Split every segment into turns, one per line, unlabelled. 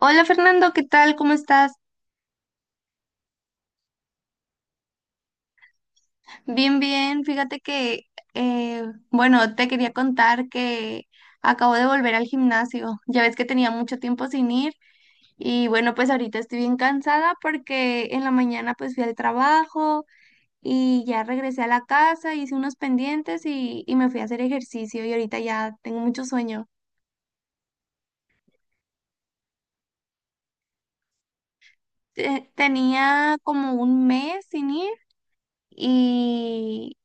Hola Fernando, ¿qué tal? ¿Cómo estás? Bien, bien. Fíjate que, eh, bueno, te quería contar que acabo de volver al gimnasio. Ya ves que tenía mucho tiempo sin ir y bueno, pues ahorita estoy bien cansada porque en la mañana pues fui al trabajo y ya regresé a la casa, hice unos pendientes y me fui a hacer ejercicio y ahorita ya tengo mucho sueño. Tenía como un mes sin ir. y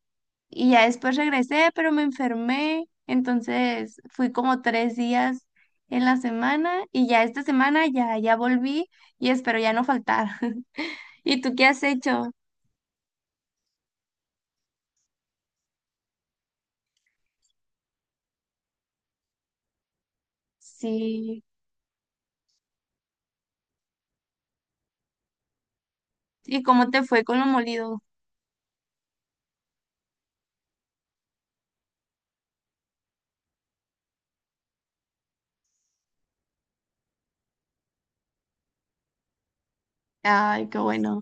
Y ya después regresé, pero me enfermé. Entonces fui como tres días en la semana y ya esta semana ya volví y espero ya no faltar. ¿Y tú qué has hecho? Sí. ¿Y cómo te fue con lo molido? Ay, qué bueno.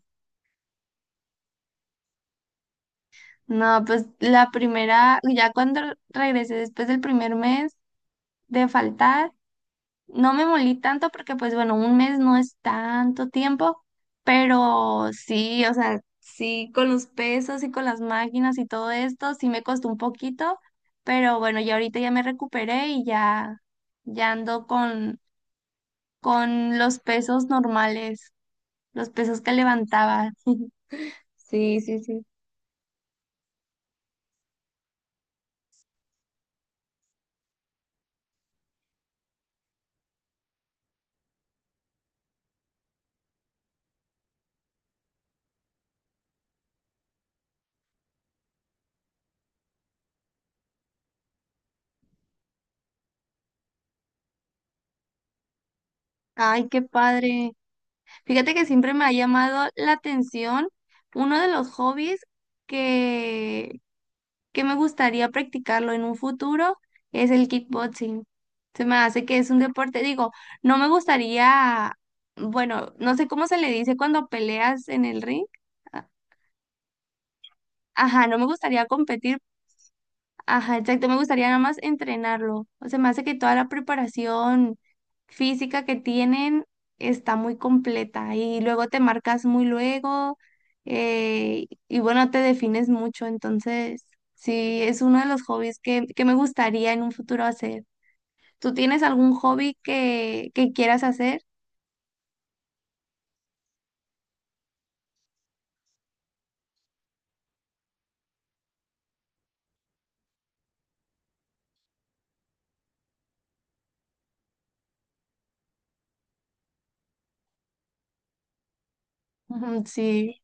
No, pues la primera, ya cuando regresé después del primer mes de faltar, no me molí tanto porque, pues bueno, un mes no es tanto tiempo, pero sí, o sea, sí, con los pesos y con las máquinas y todo esto, sí me costó un poquito, pero bueno, ya ahorita ya me recuperé y ya, ya ando con los pesos normales, los pesos que levantaba. Sí, sí, sí. Ay, qué padre. Fíjate que siempre me ha llamado la atención uno de los hobbies que que me gustaría practicarlo en un futuro es el kickboxing. Se me hace que es un deporte, digo, no me gustaría, bueno, no sé cómo se le dice cuando peleas en el ring. A- Ajá, no me gustaría competir. Ajá, exacto, me gustaría nada más entrenarlo. O sea, me hace que toda la preparación física que tienen está muy completa y luego te marcas muy luego, y bueno, te defines mucho. Entonces, sí, es uno de los hobbies que me gustaría en un futuro hacer. ¿Tú tienes algún hobby que quieras hacer? Ujú. Sí,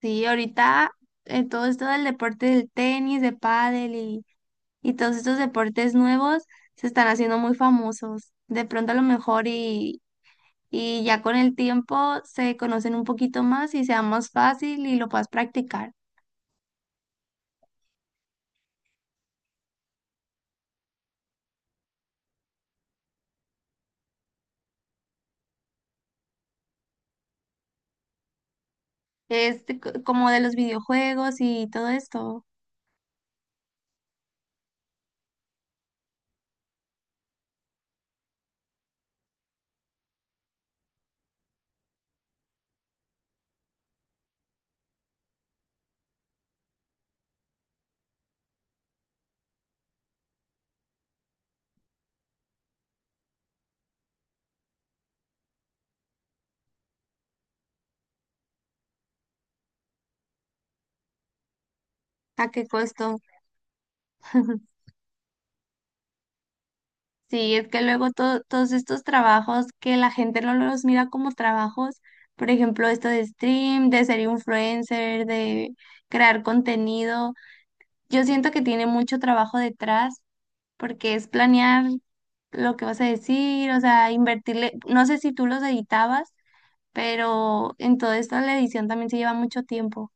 sí, ahorita, todo esto del deporte del tenis, de pádel y todos estos deportes nuevos se están haciendo muy famosos. De pronto a lo mejor y ya con el tiempo se conocen un poquito más y sea más fácil y lo puedas practicar. Es como de los videojuegos y todo esto. ¿A qué costo? Sí, es que luego todos estos trabajos que la gente no los mira como trabajos, por ejemplo, esto de stream, de ser influencer, de crear contenido, yo siento que tiene mucho trabajo detrás porque es planear lo que vas a decir, o sea, invertirle, no sé si tú los editabas, pero en toda esta la edición también se lleva mucho tiempo.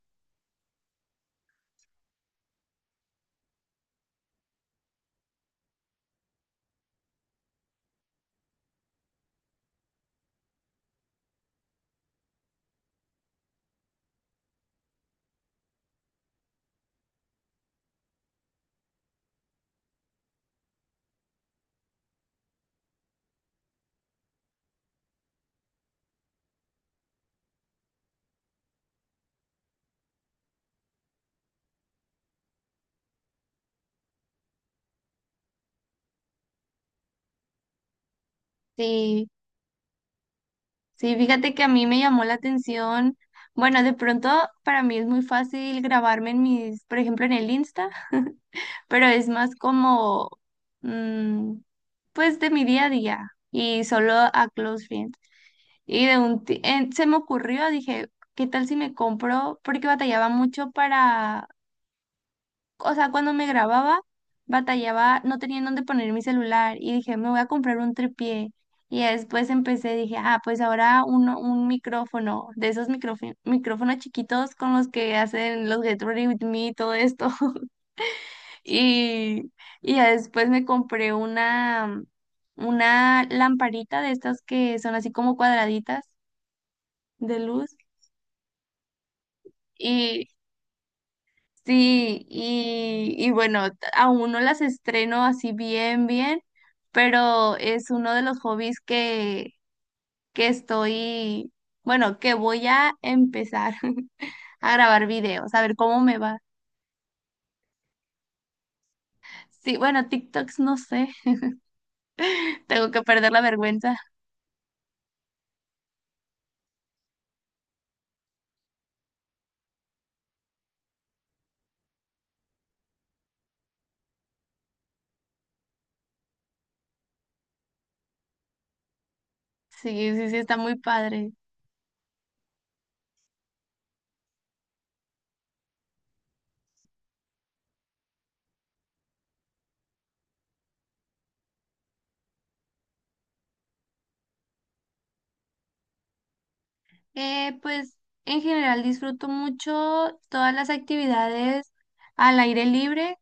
Sí, sí, fíjate que a mí me llamó la atención, bueno, de pronto para mí es muy fácil grabarme en mis, por ejemplo, en el Insta, pero es más como, mm, pues de mi día a día y solo a close friends. Y de un, se me ocurrió, dije, ¿qué tal si me compro? Porque batallaba mucho para, o sea, cuando me grababa, batallaba, no tenía en dónde poner mi celular y dije, me voy a comprar un tripié. Y ya después empecé, dije, ah, pues ahora uno, un micrófono, de esos micrófonos chiquitos con los que hacen los Get Ready With Me y todo esto. Y, y ya después me compré una lamparita de estas que son así como cuadraditas de luz. Sí, y bueno, aún no las estreno así bien, bien, pero es uno de los hobbies que estoy, bueno, que voy a empezar a grabar videos, a ver cómo me va. Sí, bueno, TikToks no sé, tengo que perder la vergüenza. Sí, sí, sí, está muy padre. Pues en general disfruto mucho todas las actividades al aire libre.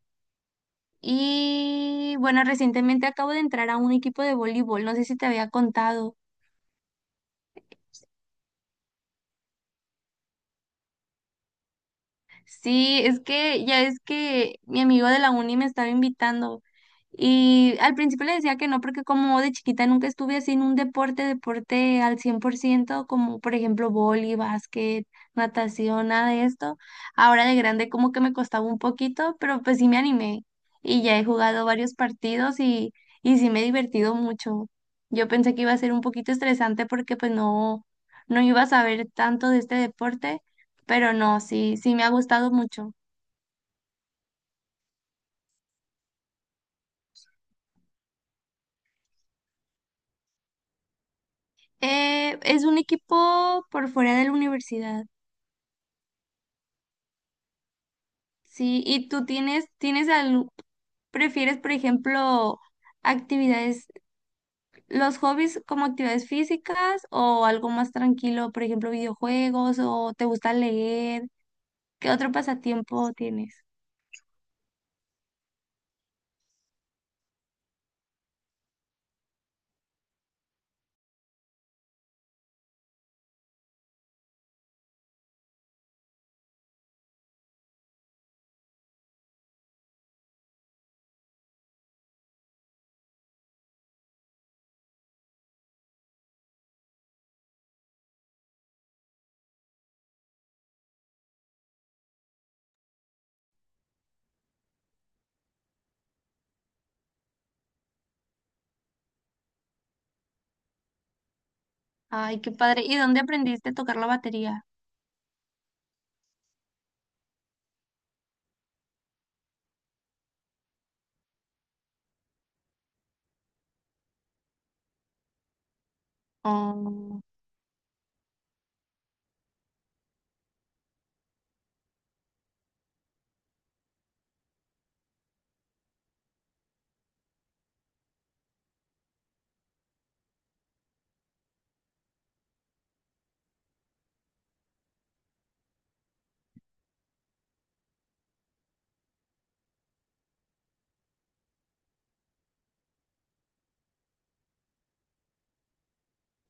Y bueno, recientemente acabo de entrar a un equipo de voleibol, no sé si te había contado. Sí, es que ya es que mi amigo de la uni me estaba invitando y al principio le decía que no porque como de chiquita nunca estuve así en un deporte, deporte al 100% como por ejemplo vóley, básquet, natación, nada de esto. Ahora de grande como que me costaba un poquito, pero pues sí me animé y ya he jugado varios partidos y sí me he divertido mucho. Yo pensé que iba a ser un poquito estresante porque pues no, no iba a saber tanto de este deporte, pero no, sí, sí me ha gustado mucho. Es un equipo por fuera de la universidad, sí, y tú tienes, tienes al, prefieres, por ejemplo, actividades, los hobbies como actividades físicas o algo más tranquilo, por ejemplo, videojuegos o te gusta leer, ¿qué otro pasatiempo tienes? Ay, qué padre. ¿Y dónde aprendiste a tocar la batería? Oh,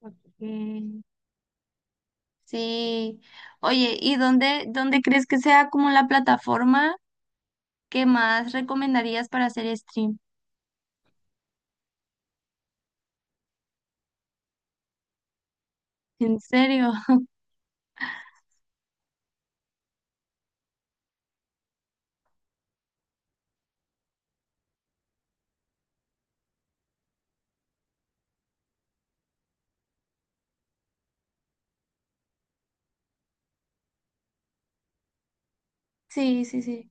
ok. Sí. Oye, ¿y dónde, dónde crees que sea como la plataforma? ¿Qué más recomendarías para hacer stream? ¿En serio? Sí, sí, sí.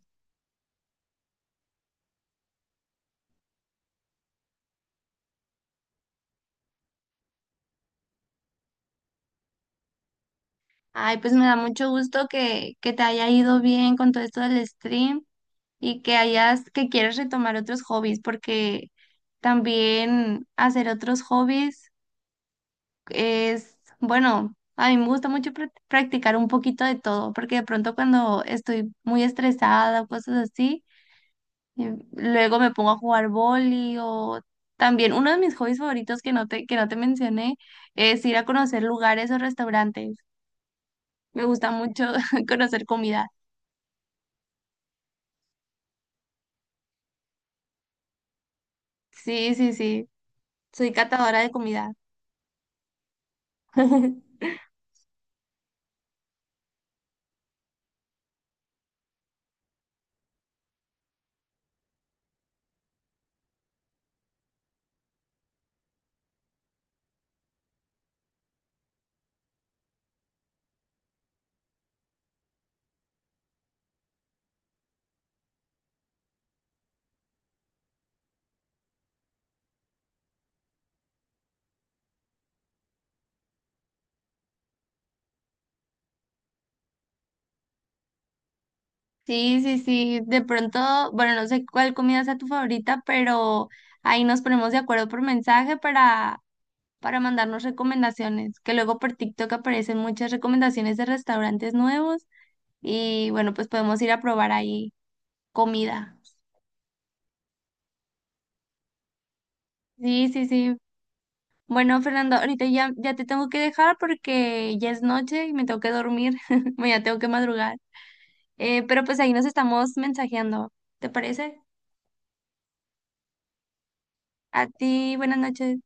Ay, pues me da mucho gusto que te haya ido bien con todo esto del stream y que hayas, que quieres retomar otros hobbies, porque también hacer otros hobbies es, bueno, a mí me gusta mucho practicar un poquito de todo, porque de pronto cuando estoy muy estresada o cosas así, luego me pongo a jugar vóley o también uno de mis hobbies favoritos que no te mencioné es ir a conocer lugares o restaurantes. Me gusta mucho conocer comida. Sí, sí, sí. Soy catadora de comida. Sí, sí, sí. De pronto, bueno, no sé cuál comida sea tu favorita, pero ahí nos ponemos de acuerdo por mensaje para mandarnos recomendaciones, que luego por TikTok aparecen muchas recomendaciones de restaurantes nuevos y bueno, pues podemos ir a probar ahí. Comida. Sí, sí, sí. Bueno, Fernando, ahorita ya, ya te tengo que dejar porque ya es noche y me tengo que dormir. Mañana tengo que madrugar. Pero pues ahí nos estamos mensajeando. ¿Te parece? A ti, buenas noches.